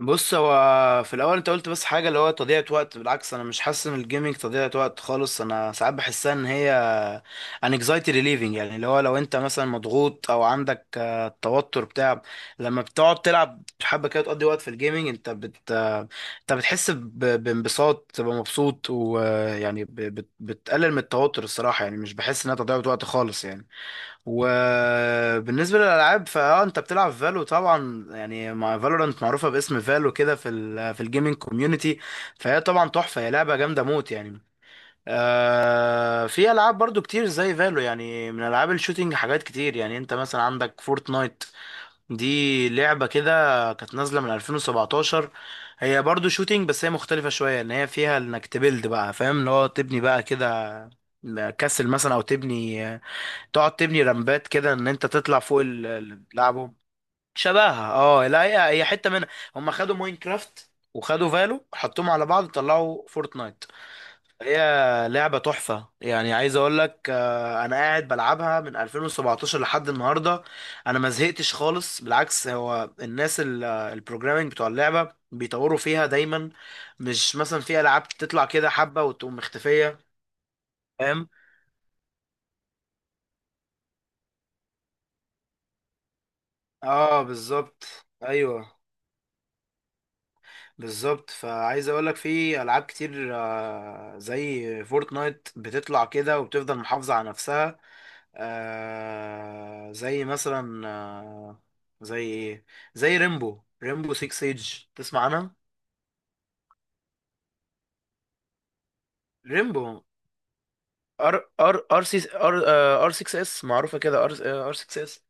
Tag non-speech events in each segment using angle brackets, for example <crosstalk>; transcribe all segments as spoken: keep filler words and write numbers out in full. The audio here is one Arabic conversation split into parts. بص، هو في الاول انت قلت بس حاجه اللي هو تضييع وقت. بالعكس، انا مش حاسس ان الجيمنج تضييع وقت خالص. انا ساعات بحسها ان هي an anxiety relieving. يعني اللي هو لو انت مثلا مضغوط او عندك آه، توتر بتاع لما بتقعد تلعب حبه كده تقضي وقت في الجيمنج، انت بت آه، انت بتحس ب- بانبساط، تبقى مبسوط ويعني بتقلل من التوتر. الصراحه يعني مش بحس انها تضييع وقت خالص يعني. وبالنسبة للألعاب فأه أنت بتلعب فالو طبعا، يعني مع فالورانت معروفة باسم فالو كده في ال في الجيمنج كوميونتي. فهي طبعا تحفة، هي لعبة جامدة موت يعني. آه، في ألعاب برضو كتير زي فالو يعني، من ألعاب الشوتينج، حاجات كتير يعني. أنت مثلا عندك فورتنايت، دي لعبة كده كانت نازلة من ألفين وسبعتاشر. هي برضو شوتينج، بس هي مختلفة شوية إن هي فيها إنك تبيلد، بقى فاهم؟ اللي هو تبني بقى كده كاسل مثلا، أو تبني، تقعد تبني رمبات كده، ان انت تطلع فوق ال- اللي بتلعبهم. شبهها، اه. لا، هي هي حته منها. هم خدوا ماينكرافت وخدوا فالو، حطوهم على بعض، طلعوا فورتنايت. هي لعبه تحفه يعني، عايز اقول لك، آه، انا قاعد بلعبها من ألفين وسبعة عشر لحد النهارده. انا ما زهقتش خالص، بالعكس. هو الناس ال- آه، البروجرامينج بتوع اللعبه بيطوروا فيها دايما، مش مثلا في العاب تطلع كده حبه وتقوم مختفيه. فاهم، اه، بالظبط. ايوه بالظبط. فعايز اقولك في العاب كتير آه، زي فورتنايت بتطلع كده وبتفضل محافظة على نفسها. آه، زي مثلا آه، زي ايه زي ريمبو ريمبو ستة سيج، تسمع عنها؟ ريمبو، ار ار ار سي، ار ار ستة اس، معروفة كده ار، ار ستة اس.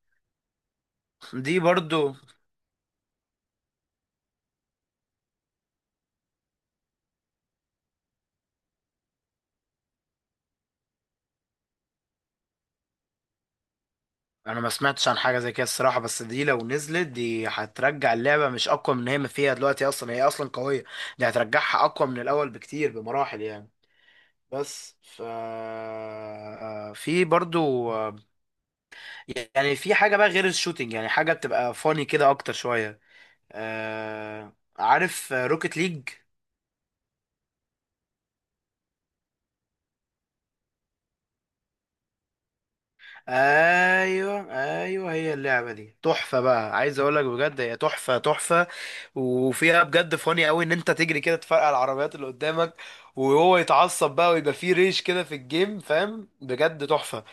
دي برضو. انا ما سمعتش عن حاجه زي كده الصراحه، بس دي لو نزلت، دي هترجع اللعبه مش اقوى من هي ما فيها دلوقتي، اصلا هي اصلا قويه، دي هترجعها اقوى من الاول بكتير، بمراحل يعني. بس ف في برضو يعني، في حاجه بقى غير الشوتينج، يعني حاجه بتبقى فاني كده اكتر شويه. آه، عارف روكيت ليج؟ ايوه ايوه، هي اللعبه دي تحفه بقى، عايز اقول لك بجد هي تحفه تحفه. وفيها بجد فاني قوي، ان انت تجري كده تفرقع العربيات اللي قدامك، وهو يتعصب بقى ويبقى فيه ريش كده في الجيم، فاهم، بجد تحفه.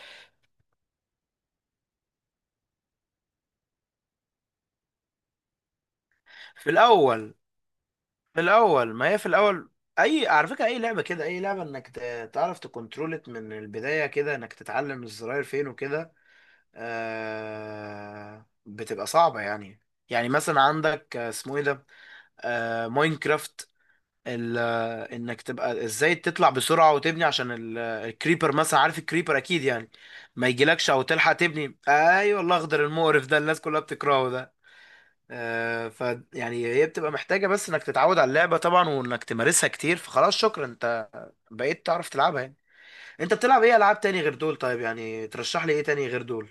في الاول في الاول ما هي في الاول، اي على فكره، اي لعبه كده، اي لعبه انك ت- تعرف تكنترولت من البدايه كده، انك تتعلم الزراير فين وكده، آه، بتبقى صعبه يعني. يعني مثلا عندك آه، اسمه ايه ده، آه، ماينكرافت، ال- انك تبقى ازاي تطلع بسرعه وتبني عشان ال- الكريبر مثلا، عارف الكريبر اكيد يعني، ما يجيلكش او تلحق تبني. ايوه، الاخضر المقرف ده، الناس كلها بتكرهه ده. آه، ف يعني هي بتبقى محتاجه بس انك تتعود على اللعبه طبعا، وانك تمارسها كتير، فخلاص شكرا، انت بقيت تعرف تلعبها يعني. انت بتلعب ايه العاب تاني غير دول؟ طيب يعني ترشح لي ايه تاني غير دول؟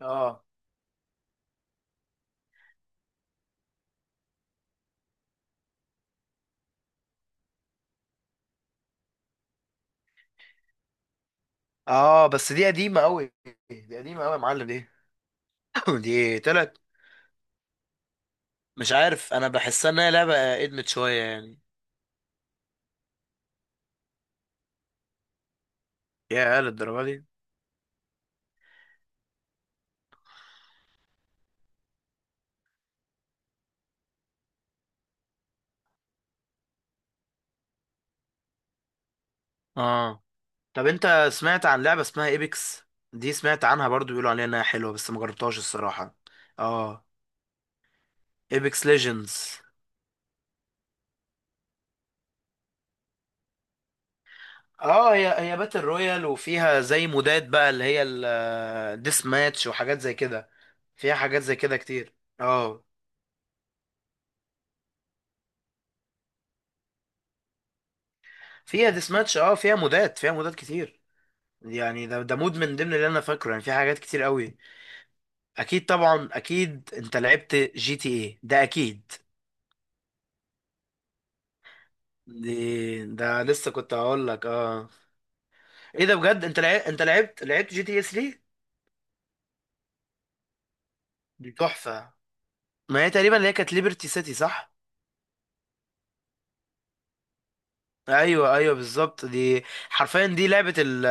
اه اه. بس دي قديمه قوي، دي قديمة أوي يا معلم دي. <laughs> دي طلعت. مش عارف، أنا بحسها إنها لعبة إدمت شوية يعني. يا للدرجة دي؟ اه. طب انت سمعت عن لعبة اسمها ايبكس؟ دي سمعت عنها برضو، بيقولوا عليها انها حلوة بس ما جربتهاش الصراحة. اه، ايبكس ليجندز. اه، هي هي باتل رويال، وفيها زي مودات بقى، اللي هي الديس ماتش وحاجات زي كده. فيها حاجات زي كده كتير. اه، فيها ديس ماتش، اه، فيها مودات، فيها مودات كتير. يعني ده ده مود من ضمن اللي انا فاكره، يعني في حاجات كتير قوي. اكيد طبعا، اكيد انت لعبت جي تي ايه ده اكيد. دي، ده لسه كنت هقول لك اه. ايه ده بجد، انت لعب... انت لعبت لعبت جي تي اس ثلاثة. دي تحفه. ما هي تقريبا اللي هي كانت ليبرتي سيتي، صح؟ ايوه ايوه بالظبط دي. حرفيا دي لعبه ال-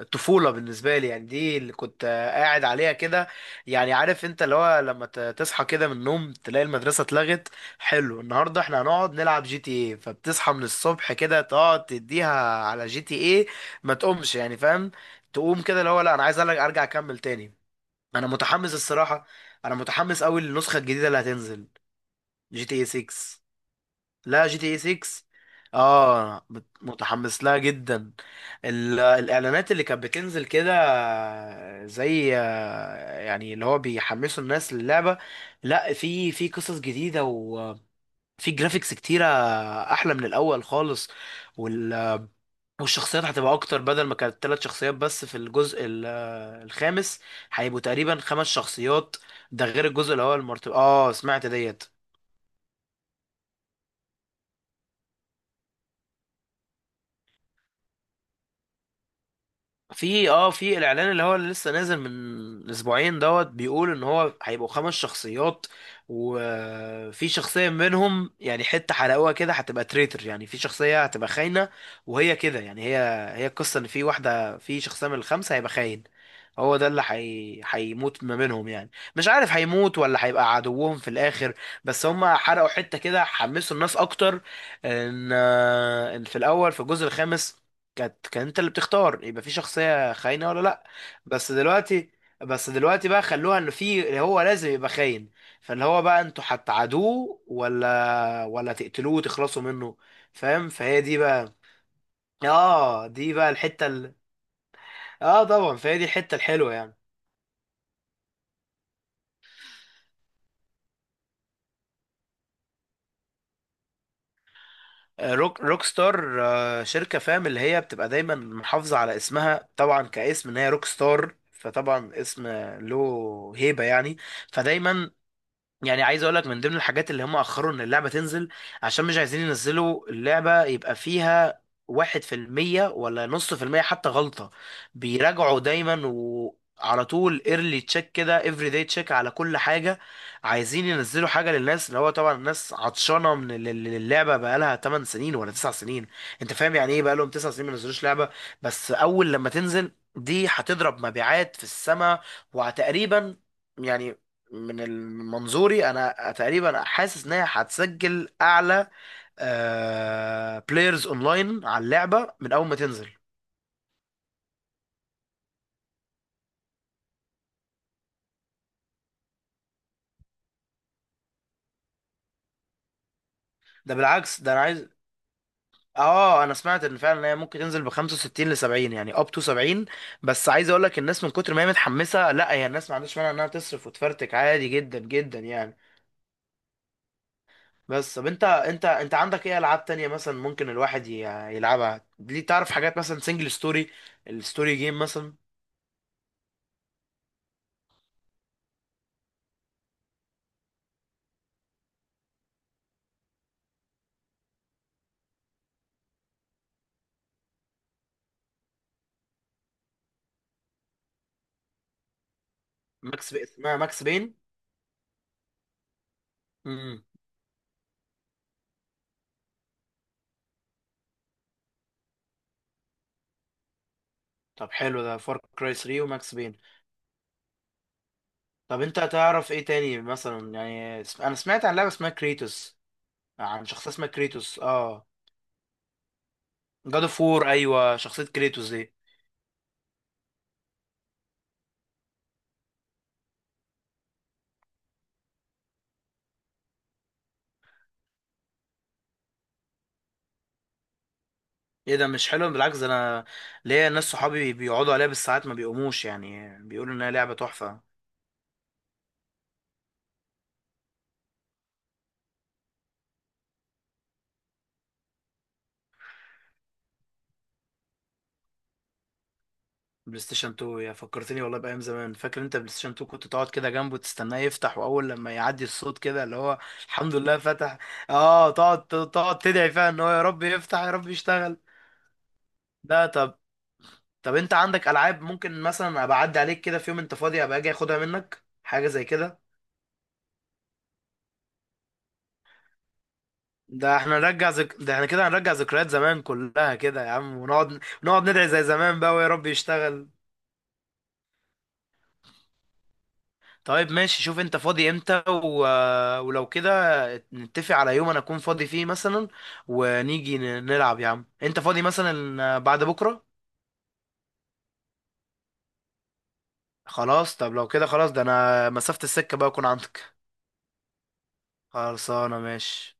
الطفوله بالنسبه لي يعني، دي اللي كنت قاعد عليها كده. يعني عارف انت اللي هو لما ت- تصحى كده من النوم، تلاقي المدرسه اتلغت، حلو، النهارده احنا هنقعد نلعب جي تي ايه، فبتصحى من الصبح كده تقعد تديها على جي تي ايه، ما تقومش، يعني فاهم. تقوم كده اللي هو لا انا عايز أرجع ارجع اكمل تاني. انا متحمس الصراحه، انا متحمس قوي للنسخه الجديده اللي هتنزل. جي تي اي ستة. لا، جي تي اي ستة. اه، مت- متحمس لها جدا. ال- الاعلانات اللي كانت بتنزل كده، زي، يعني اللي هو بيحمسوا الناس للعبه. لا، في في قصص جديده، وفي جرافيكس كتيره، احلى من الاول خالص. والشخصيات هتبقى اكتر، بدل ما كانت ثلاث شخصيات بس في الجزء ال- آه، الخامس، هيبقوا تقريبا خمس شخصيات. ده غير الجزء الاول مرتب، اه سمعت ديت. في اه في الاعلان اللي هو اللي لسه نازل من اسبوعين دوت، بيقول ان هو هيبقوا خمس شخصيات، وفي شخصية منهم يعني حتة حرقوها كده، هتبقى تريتر، يعني في شخصية هتبقى خاينة. وهي كده يعني، هي هي القصة ان في واحدة، في شخصية من الخمسة هيبقى خاين. هو ده اللي حي... هيموت ما بينهم يعني، مش عارف هيموت ولا هيبقى عدوهم في الاخر. بس هم حرقوا حتة كده، حمسوا الناس اكتر، ان ان في الاول في الجزء الخامس، كانت كان انت اللي بتختار يبقى في شخصية خاينة ولا لا. بس دلوقتي بس دلوقتي بقى خلوها انه في، هو لازم يبقى خاين، فاللي هو بقى انتوا هتعادوه ولا ولا تقتلوه وتخلصوا منه. فاهم، فهي دي بقى، اه دي بقى الحتة ال... اه طبعا، فهي دي الحتة الحلوة يعني. آه، روك روك ستار، آه، شركة فاهم اللي هي بتبقى دايما محافظة على اسمها طبعا، كاسم ان هي روك ستار، فطبعا اسم له هيبة يعني، فدايما. يعني عايز اقول لك من ضمن الحاجات اللي هم اخروا ان اللعبه تنزل، عشان مش عايزين ينزلوا اللعبه يبقى فيها واحد في المية ولا نص في المية حتى غلطة. بيراجعوا دايما وعلى طول، ايرلي تشيك كده، افري داي تشيك على كل حاجة. عايزين ينزلوا حاجة للناس، اللي هو طبعا الناس عطشانة، من ال- ال- اللعبة بقالها 8 سنين ولا 9 سنين. انت فاهم يعني ايه بقالهم 9 سنين ما نزلوش لعبة؟ بس اول لما تنزل دي، هتضرب مبيعات في السماء. وتقريبا يعني، من ال- من منظوري انا، تقريبا حاسس ان هي هتسجل اعلى بلايرز اونلاين على اللعبه من اول ما تنزل. ده بالعكس، ده انا عايز. اه، انا سمعت ان فعلا هي ممكن تنزل ب خمسة وستين ل سبعين، يعني اب تو سبعين. بس عايز اقول لك الناس من كتر ما هي متحمسه، لا هي الناس ما عندهاش مانع انها تصرف وتفرتك عادي، جدا جدا يعني. بس طب انت انت انت عندك ايه العاب تانية مثلا ممكن الواحد ي- يلعبها ليه؟ تعرف حاجات مثلا سنجل ستوري، الستوري جيم مثلا. ماكس بي... اسمها ماكس بين. طب حلو، ده فار كراي ثلاثة وماكس بين. طب انت تعرف ايه تاني مثلا يعني، اسم- انا سمعت عن لعبه اسمها كريتوس، عن شخصيه اسمها كريتوس اه. جاد اوف وور، ايوه، شخصيه كريتوس دي. ايه ده مش حلو؟ بالعكس ده، انا ليا ناس صحابي بيقعدوا عليها بالساعات ما بيقوموش، يعني بيقولوا انها لعبه تحفه. بلاي ستيشن اتنين، يا فكرتني والله بايام زمان. فاكر انت بلاي ستيشن اتنين، كنت تقعد كده جنبه تستناه يفتح، واول لما يعدي الصوت كده اللي هو الحمد لله فتح. اه، تقعد تقعد تدعي فيها ان هو يا رب يفتح يا رب يشتغل. ده طب انت عندك العاب ممكن مثلا ابقى اعدي عليك كده في يوم انت فاضي، ابقى اجي اخدها منك، حاجه زي كده؟ ده احنا نرجع ذك... ده احنا كده هنرجع ذكريات زمان كلها كده يا عم، ونقعد نقعد ندعي زي زمان بقى، ويا رب يشتغل. طيب ماشي، شوف انت فاضي امتى و... ولو كده، نتفق على يوم انا اكون فاضي فيه مثلا، ونيجي ن- نلعب يا عم. انت فاضي مثلا بعد بكره؟ خلاص طب لو كده، خلاص، ده انا مسافة السكة بقى اكون عندك. خلصانه ماشي.